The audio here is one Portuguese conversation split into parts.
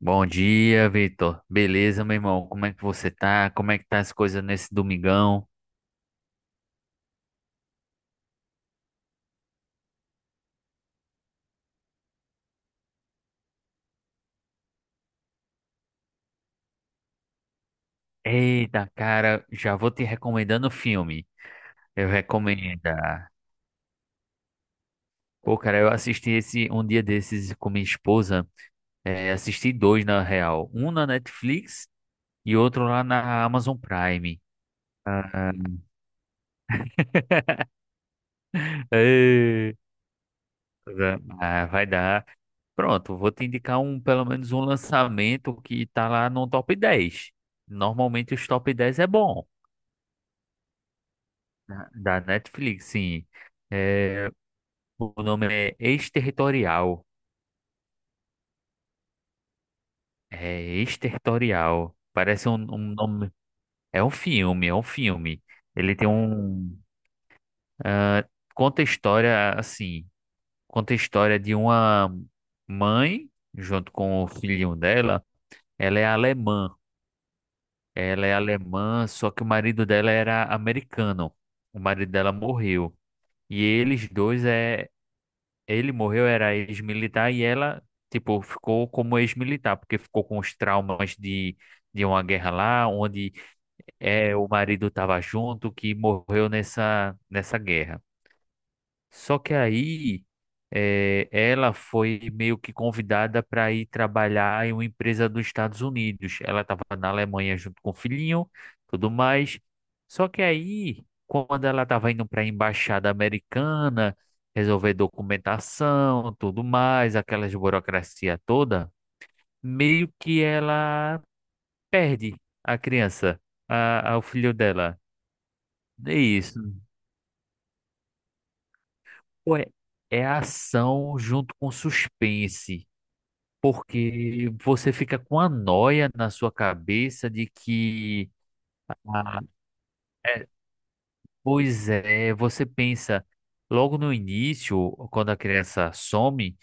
Bom dia, Vitor. Beleza, meu irmão? Como é que você tá? Como é que tá as coisas nesse domingão? Eita, cara, já vou te recomendando o filme. Eu recomendo. Pô, cara, eu assisti esse um dia desses com minha esposa. É, assisti dois, na real. Um na Netflix e outro lá na Amazon Prime. Ah. Ei. Ah, vai dar. Pronto, vou te indicar um, pelo menos um lançamento que tá lá no top 10. Normalmente os top 10 é bom. Da Netflix, sim. É, o nome é Exterritorial. É Exterritorial. Parece um, nome. É um filme, é um filme. Ele tem um. ah, conta a história, assim. Conta a história de uma mãe, junto com o filhinho dela. Ela é alemã. Ela é alemã, só que o marido dela era americano. O marido dela morreu. E eles dois é, ele morreu, era ex-militar, e ela, tipo, ficou como ex-militar, porque ficou com os traumas de, uma guerra lá, onde é, o marido estava junto, que morreu nessa guerra. Só que aí ela foi meio que convidada para ir trabalhar em uma empresa dos Estados Unidos. Ela estava na Alemanha junto com o filhinho, tudo mais. Só que aí, quando ela estava indo para a embaixada americana, resolver documentação, tudo mais, aquelas burocracia toda, meio que ela perde a criança, o filho dela. É isso. Pô, é ação junto com suspense. Porque você fica com a noia na sua cabeça de que, ah, é, pois é, você pensa logo no início, quando a criança some.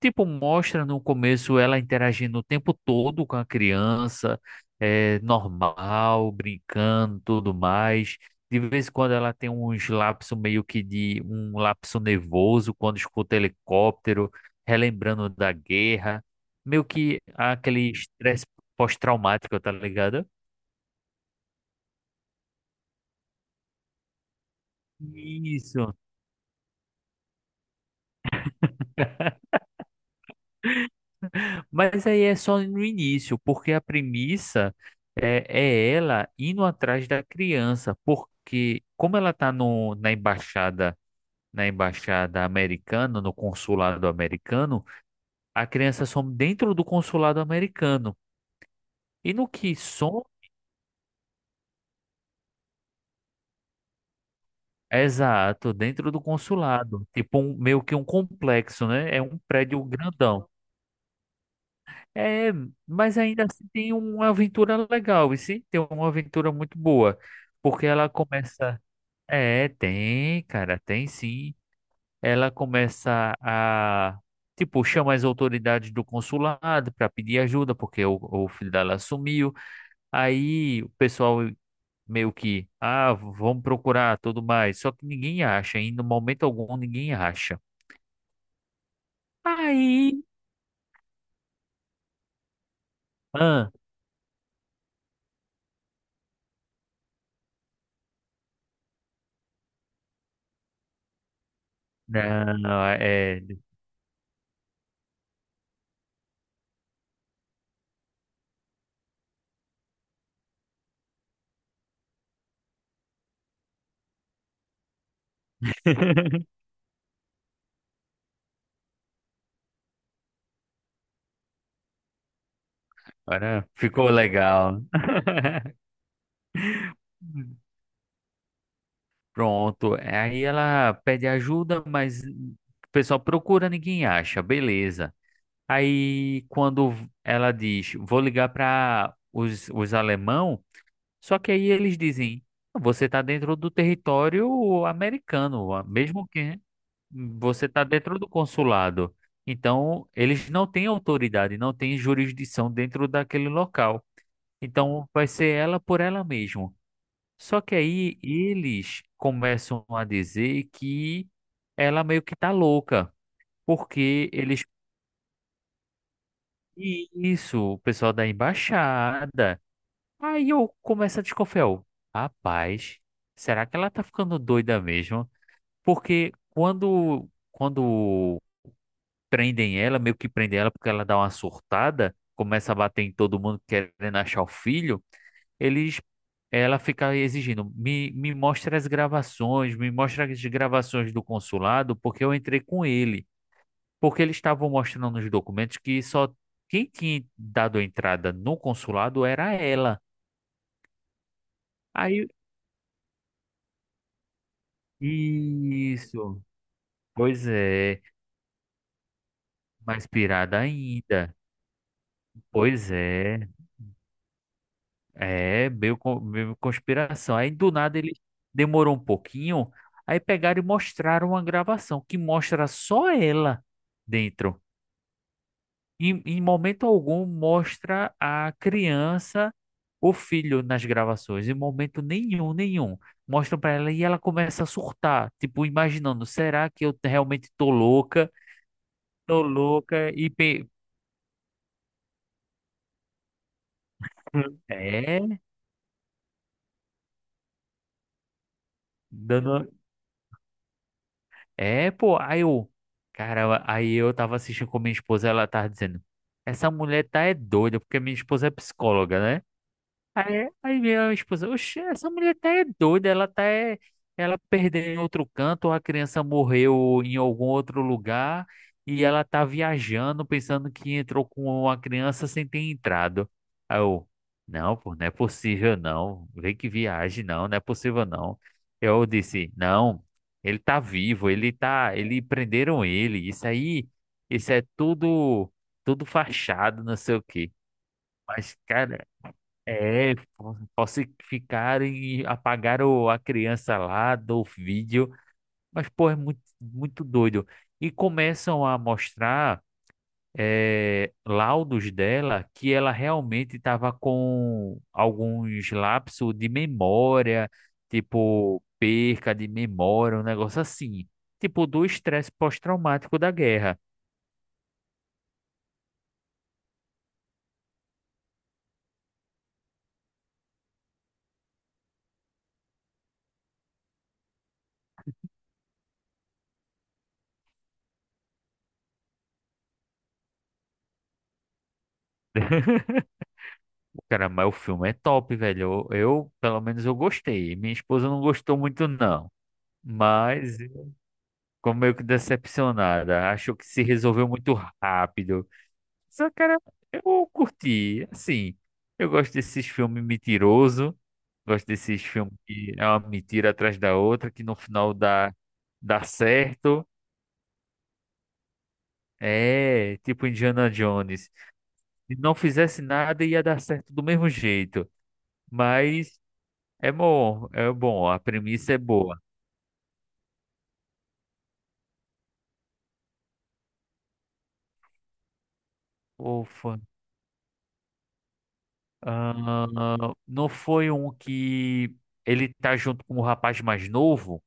Tipo, mostra no começo ela interagindo o tempo todo com a criança, é, normal, brincando, tudo mais. De vez em quando ela tem uns lapsos meio que de um lapso nervoso quando escuta helicóptero, relembrando da guerra, meio que aquele estresse pós-traumático, tá ligado? Isso. Mas aí é só no início, porque a premissa é ela indo atrás da criança, porque como ela está no, na embaixada americana, no consulado americano, a criança some dentro do consulado americano. E no que some, exato, dentro do consulado, tipo um, meio que um complexo, né? É um prédio grandão. É, mas ainda assim tem uma aventura legal, e sim, tem uma aventura muito boa, porque ela começa. É, tem, cara, tem sim. Ela começa a, tipo, chama as autoridades do consulado para pedir ajuda, porque o filho dela sumiu. Aí o pessoal meio que, vamos procurar tudo mais. Só que ninguém acha, e no momento algum ninguém acha. Aí, ah, não, é. Agora ficou legal. Pronto. Aí ela pede ajuda, mas o pessoal procura, ninguém acha. Beleza. Aí quando ela diz, vou ligar para os alemão, só que aí eles dizem, você está dentro do território americano, mesmo que né, você está dentro do consulado. Então, eles não têm autoridade, não têm jurisdição dentro daquele local. Então, vai ser ela por ela mesma. Só que aí eles começam a dizer que ela meio que tá louca, porque eles. Isso, o pessoal da embaixada. Aí eu começo a desconfiar. Rapaz, será que ela tá ficando doida mesmo? Porque quando prendem ela, meio que prendem ela porque ela dá uma surtada, começa a bater em todo mundo querendo achar o filho. Eles, ela fica exigindo, me mostra as gravações, me mostra as gravações do consulado, porque eu entrei com ele. Porque eles estavam mostrando nos documentos que só quem tinha dado entrada no consulado era ela. Aí, isso, pois é, mais pirada ainda. Pois é, é, meio, meio conspiração. Aí do nada ele demorou um pouquinho, aí pegaram e mostraram uma gravação que mostra só ela dentro. Em momento algum mostra a criança, o filho nas gravações, em momento nenhum, nenhum. Mostram pra ela e ela começa a surtar, tipo, imaginando, será que eu realmente tô louca? Tô louca e é, dando é, pô, aí eu, cara, aí eu tava assistindo com minha esposa, ela tava dizendo, essa mulher tá é doida, porque minha esposa é psicóloga, né? Aí veio a esposa, oxe, essa mulher tá é doida, ela tá é, ela perdeu em outro canto, ou a criança morreu em algum outro lugar e ela tá viajando pensando que entrou com uma criança sem ter entrado. Aí eu, não, pô, não é possível não, vê que viagem, não, não é possível não. Eu disse, não, ele tá vivo, ele tá, ele prenderam ele, isso aí, isso é tudo, tudo fachado, não sei o quê. Mas, cara, é, falsificaram e apagaram a criança lá do vídeo, mas pô, é muito, muito doido. E começam a mostrar laudos dela que ela realmente estava com alguns lapsos de memória, tipo perca de memória, um negócio assim, tipo do estresse pós-traumático da guerra. Cara, mas o filme é top, velho. Eu, pelo menos eu gostei. Minha esposa não gostou muito, não. Mas ficou meio que decepcionada. Achou que se resolveu muito rápido. Só, cara, eu curti. Assim, eu gosto desses filmes mentiroso. Gosto desses filmes que é uma mentira atrás da outra, que no final dá, certo. É, tipo Indiana Jones. Se não fizesse nada, ia dar certo do mesmo jeito. Mas é bom, é bom. A premissa é boa. Ufa. Ah, não foi um que ele tá junto com o rapaz mais novo?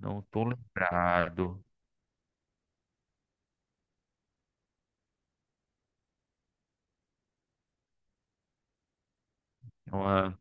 Não tô lembrado. Uma-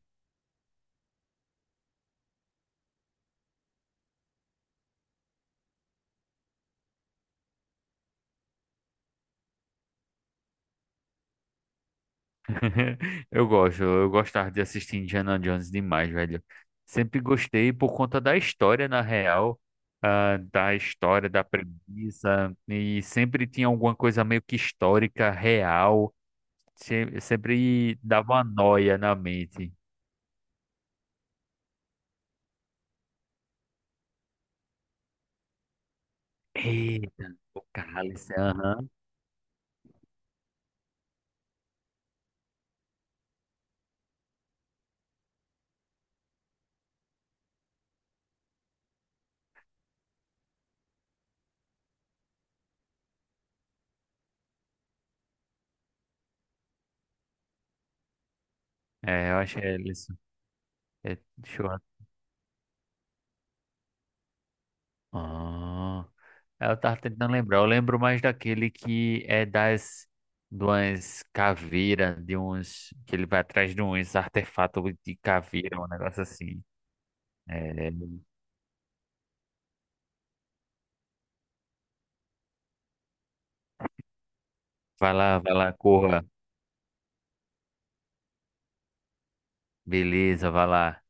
Eu gosto, eu gostava de assistir Indiana Jones demais, velho. Sempre gostei por conta da história, na real, da história, da premissa, e sempre tinha alguma coisa meio que histórica, real, sempre dava uma noia na mente. Eita, o cálice, aham. É, eu acho que é isso. É, show. Ah, eu tava tentando lembrar. Eu lembro mais daquele que é das de umas caveiras, de uns que ele vai atrás de uns artefatos de caveira, um negócio assim. É, vai lá, corra. Beleza, vai lá.